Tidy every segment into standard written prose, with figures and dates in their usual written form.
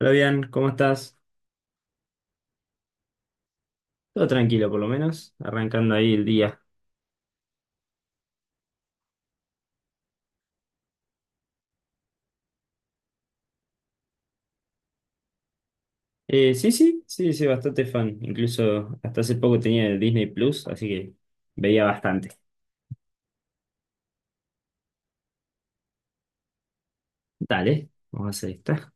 Hola, bien, ¿cómo estás? Todo tranquilo, por lo menos, arrancando ahí el día. Sí, sí, sí, sí, bastante fan. Incluso hasta hace poco tenía el Disney Plus, así que veía bastante. Dale, vamos a hacer esta.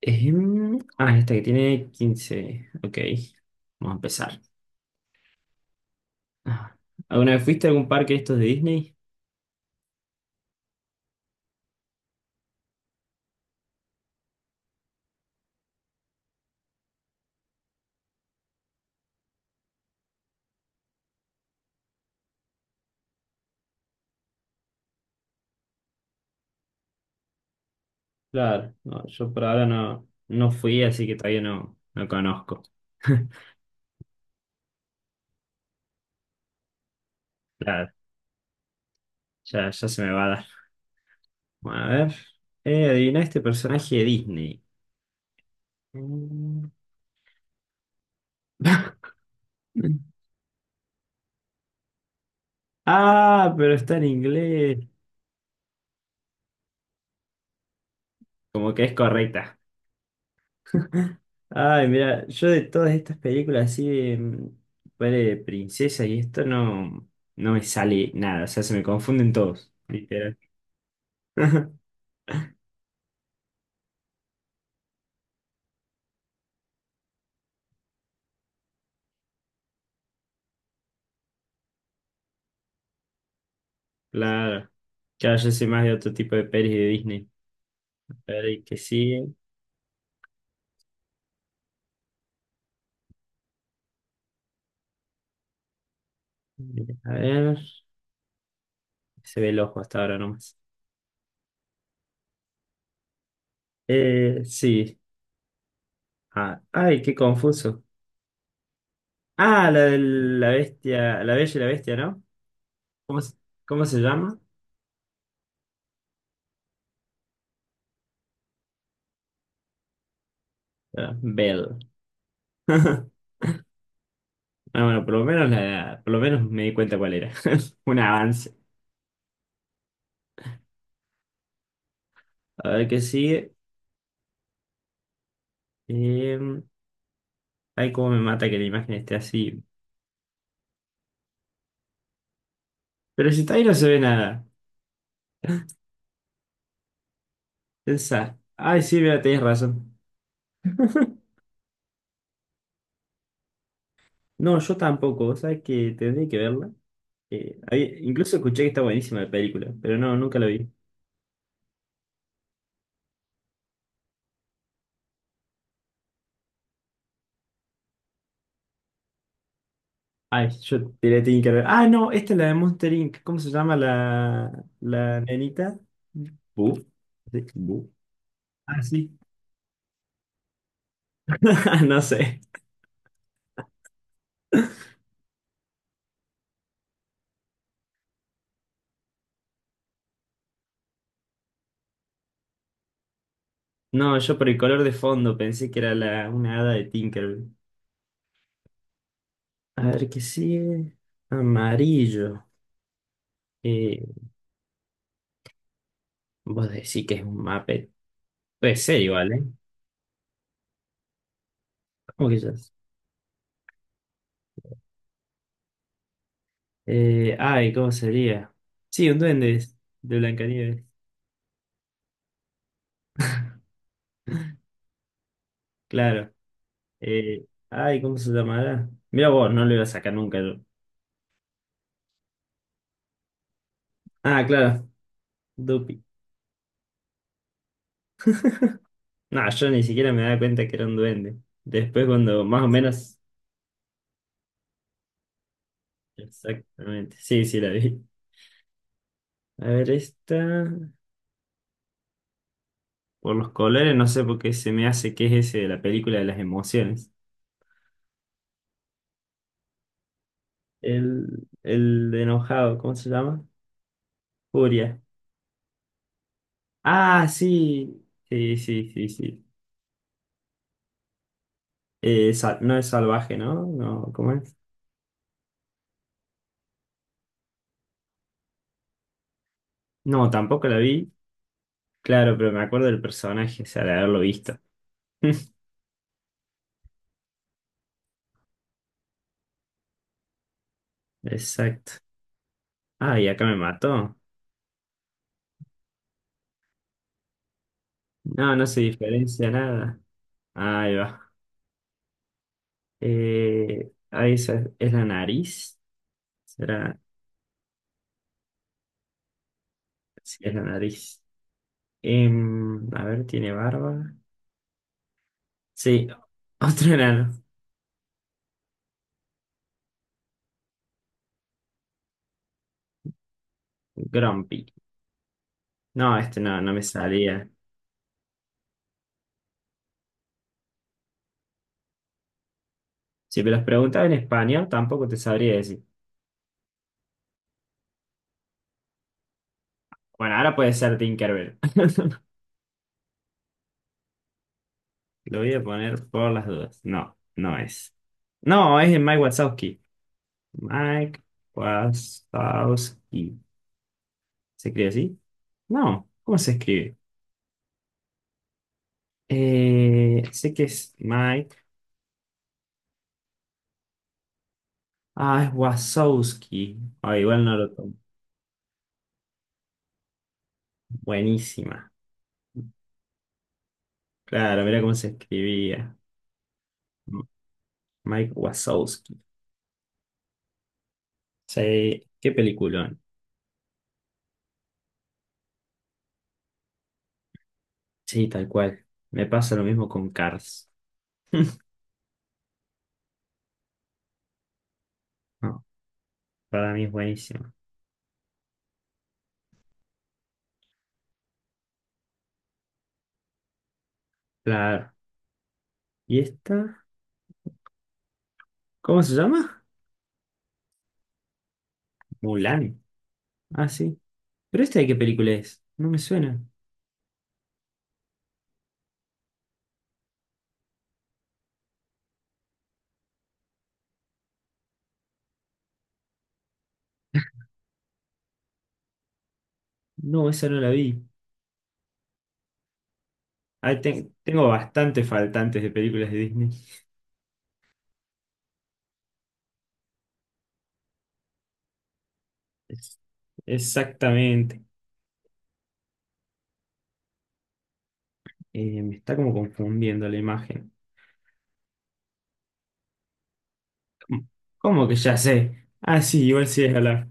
Esta que tiene 15. Ok, vamos a empezar. Ah, ¿alguna vez fuiste a algún parque de estos de Disney? Claro, no, yo por ahora no, no fui, así que todavía no, no conozco. Claro, ya, ya se me va a dar. Bueno, a ver. Adivina este personaje de Disney. Mm. Ah, pero está en inglés. Como que es correcta. Ay, mira, yo de todas estas películas así de, ponele de princesa y esto no, no me sale nada. O sea, se me confunden todos, literal. Claro. Claro, yo soy más de otro tipo de pelis de Disney. A ver, ¿y qué sigue? A ver. Se ve el ojo hasta ahora nomás. Sí. Ah, ay, qué confuso. Ah, la de la bestia, la bella y la bestia, ¿no? ¿Cómo, se- cómo se llama? Era Bell. Ah, bueno, por lo menos me di cuenta cuál era. Un avance. A ver qué sigue. Eh, ay, cómo me mata que la imagen esté así. Pero si está ahí no se ve nada. Pensá. Ay, sí, mira, tenés razón. No, yo tampoco. O sea que tendré que verla. Incluso escuché que está buenísima la película, pero no, nunca la vi. Ay, yo te la tenía que ver. Ah, no, esta es la de Monster Inc. ¿Cómo se llama la nenita? Bu. ¿Sí? Bu. Ah, sí. Ah, no sé. No, yo por el color de fondo pensé que era una hada de Tinkerbell. A ver qué sigue. Amarillo. Eh, vos decís que es un Muppet. Puede ser igual, ¿eh? ¿Cómo que ya es? Ay, ¿cómo sería? Sí, un duende es, de Blancanieves. Claro. Ay, ¿cómo se llamará? Mira vos, no lo iba a sacar nunca yo. Ah, claro. Dupi. No, yo ni siquiera me daba cuenta que era un duende. Después cuando más o menos... Exactamente. Sí, sí, la vi. A ver, esta. Por los colores, no sé por qué se me hace que es ese de la película de las emociones. El, el de enojado, ¿cómo se llama? Furia. Ah, sí. Sí, sí, sí, sí. No es salvaje, ¿no? No, ¿cómo es? No, tampoco la vi. Claro, pero me acuerdo del personaje, o sea, de haberlo visto. Exacto. Ah, y acá me mató. No, no se diferencia nada. Ahí va. Ahí es la nariz. ¿Será? Sí, es la nariz. A ver, tiene barba. Sí, otro enano, Grumpy. No, este no, no me salía. Si me los preguntaba en español, tampoco te sabría decir. Bueno, ahora puede ser Tinkerbell. Lo voy a poner por las dudas. No, no es. No, es de Mike Wazowski. Mike Wazowski. ¿Se escribe así? No, ¿cómo se escribe? Sé que es Mike. Ah, es Wazowski. Ah, igual no lo tomo. Buenísima. Claro, mira cómo se escribía. Mike Wazowski. Sí, qué peliculón. Sí, tal cual. Me pasa lo mismo con Cars. No, para mí es buenísimo. Claro. ¿Y esta? ¿Cómo se llama? Mulan. Ah, sí. ¿Pero esta de qué película es? No me suena. No, esa no la vi. Ah, tengo bastantes faltantes de películas de Disney. Es- exactamente. Me está como confundiendo la imagen. ¿Cómo cómo que ya sé? Ah, sí, igual sí es Alaska.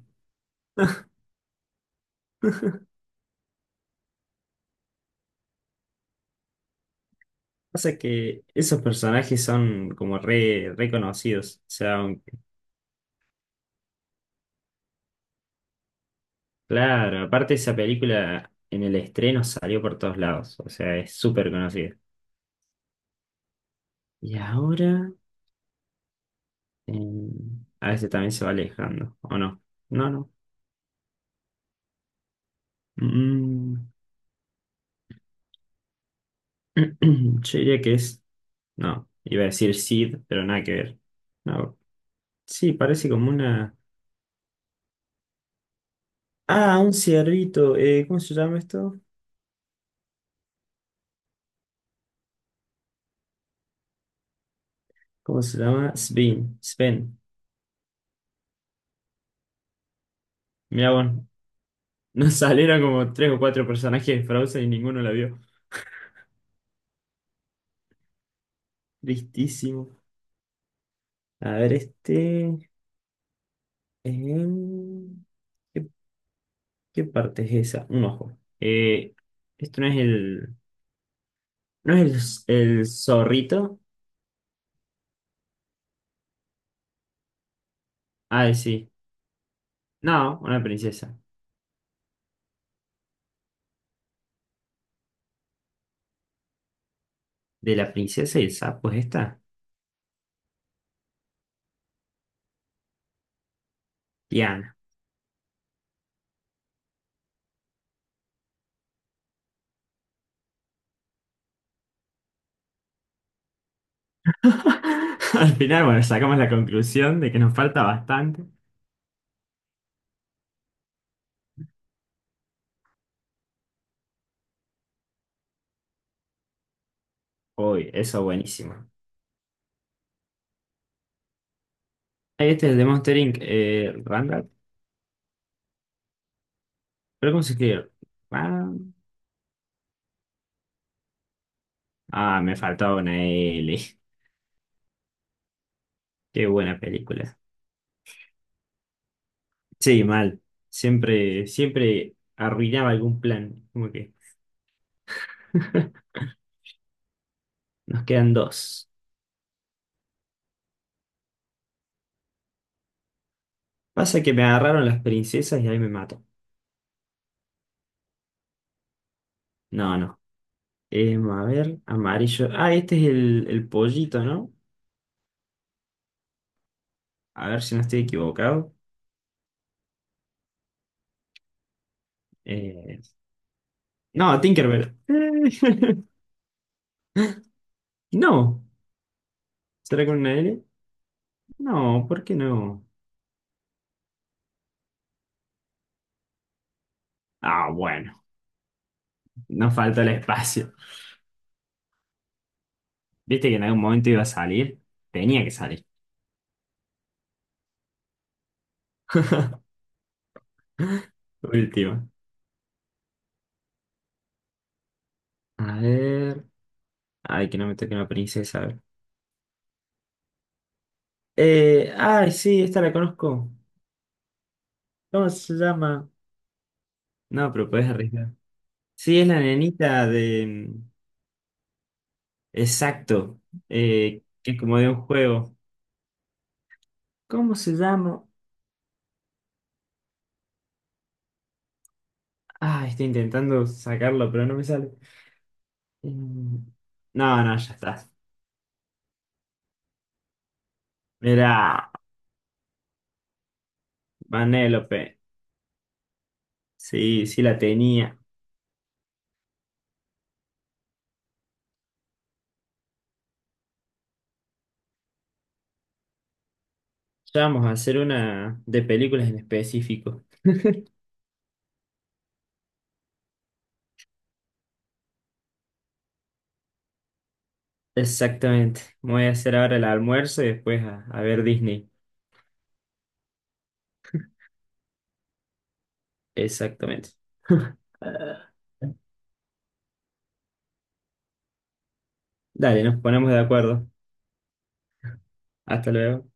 Pasa que esos personajes son como re reconocidos. O sea, claro, aparte esa película en el estreno salió por todos lados. O sea, es súper conocida. Y ahora, eh, a veces también se va alejando, ¿o no? No, no. Mm, yo diría que es. No, iba a decir Sid, pero nada que ver. No. Sí, parece como una. Ah, un ciervito. ¿Cómo se llama esto? ¿Cómo se llama? Sven. Sven. Mirá vos, nos salieron como tres o cuatro personajes de Frozen y ninguno la vio. Tristísimo. A ver, este. em, ¿Qué, qué parte es esa? Un ojo. Esto no es el. ¿No es el zorrito? Ah, sí. No, una princesa. De la princesa y el sapo es esta. Tiana. Al final, bueno, sacamos la conclusión de que nos falta bastante. Uy, eso buenísimo. Ahí, este es el de Monster Inc. Randall. ¿Pero cómo se escribe? Ah, ah, me faltaba una L. Qué buena película. Sí, mal. Siempre, siempre arruinaba algún plan. Como que nos quedan dos. Pasa que me agarraron las princesas y ahí me mato. No, no. A ver, amarillo. Ah, este es el pollito, ¿no? A ver si no estoy equivocado. Eh, No, Tinkerbell. No. ¿Será con una L? No, ¿por qué no? Ah, bueno. Nos falta el espacio. ¿Viste que en algún momento iba a salir? Tenía que salir. Última. A ver. Ay, que no me toque una princesa. A ver. Ay, sí, esta la conozco. ¿Cómo se llama? No, pero puedes arriesgar. Sí, es la nenita de. Mm. Exacto. Que es como de un juego. ¿Cómo se llama? Ah, estoy intentando sacarlo, pero no me sale. Em, No, no, ya está. Mirá, Vanélope. Sí, sí la tenía. Ya vamos a hacer una de películas en específico. Exactamente. Me voy a hacer ahora el almuerzo y después a ver Disney. Exactamente. Ah, dale, nos ponemos de acuerdo. Hasta luego.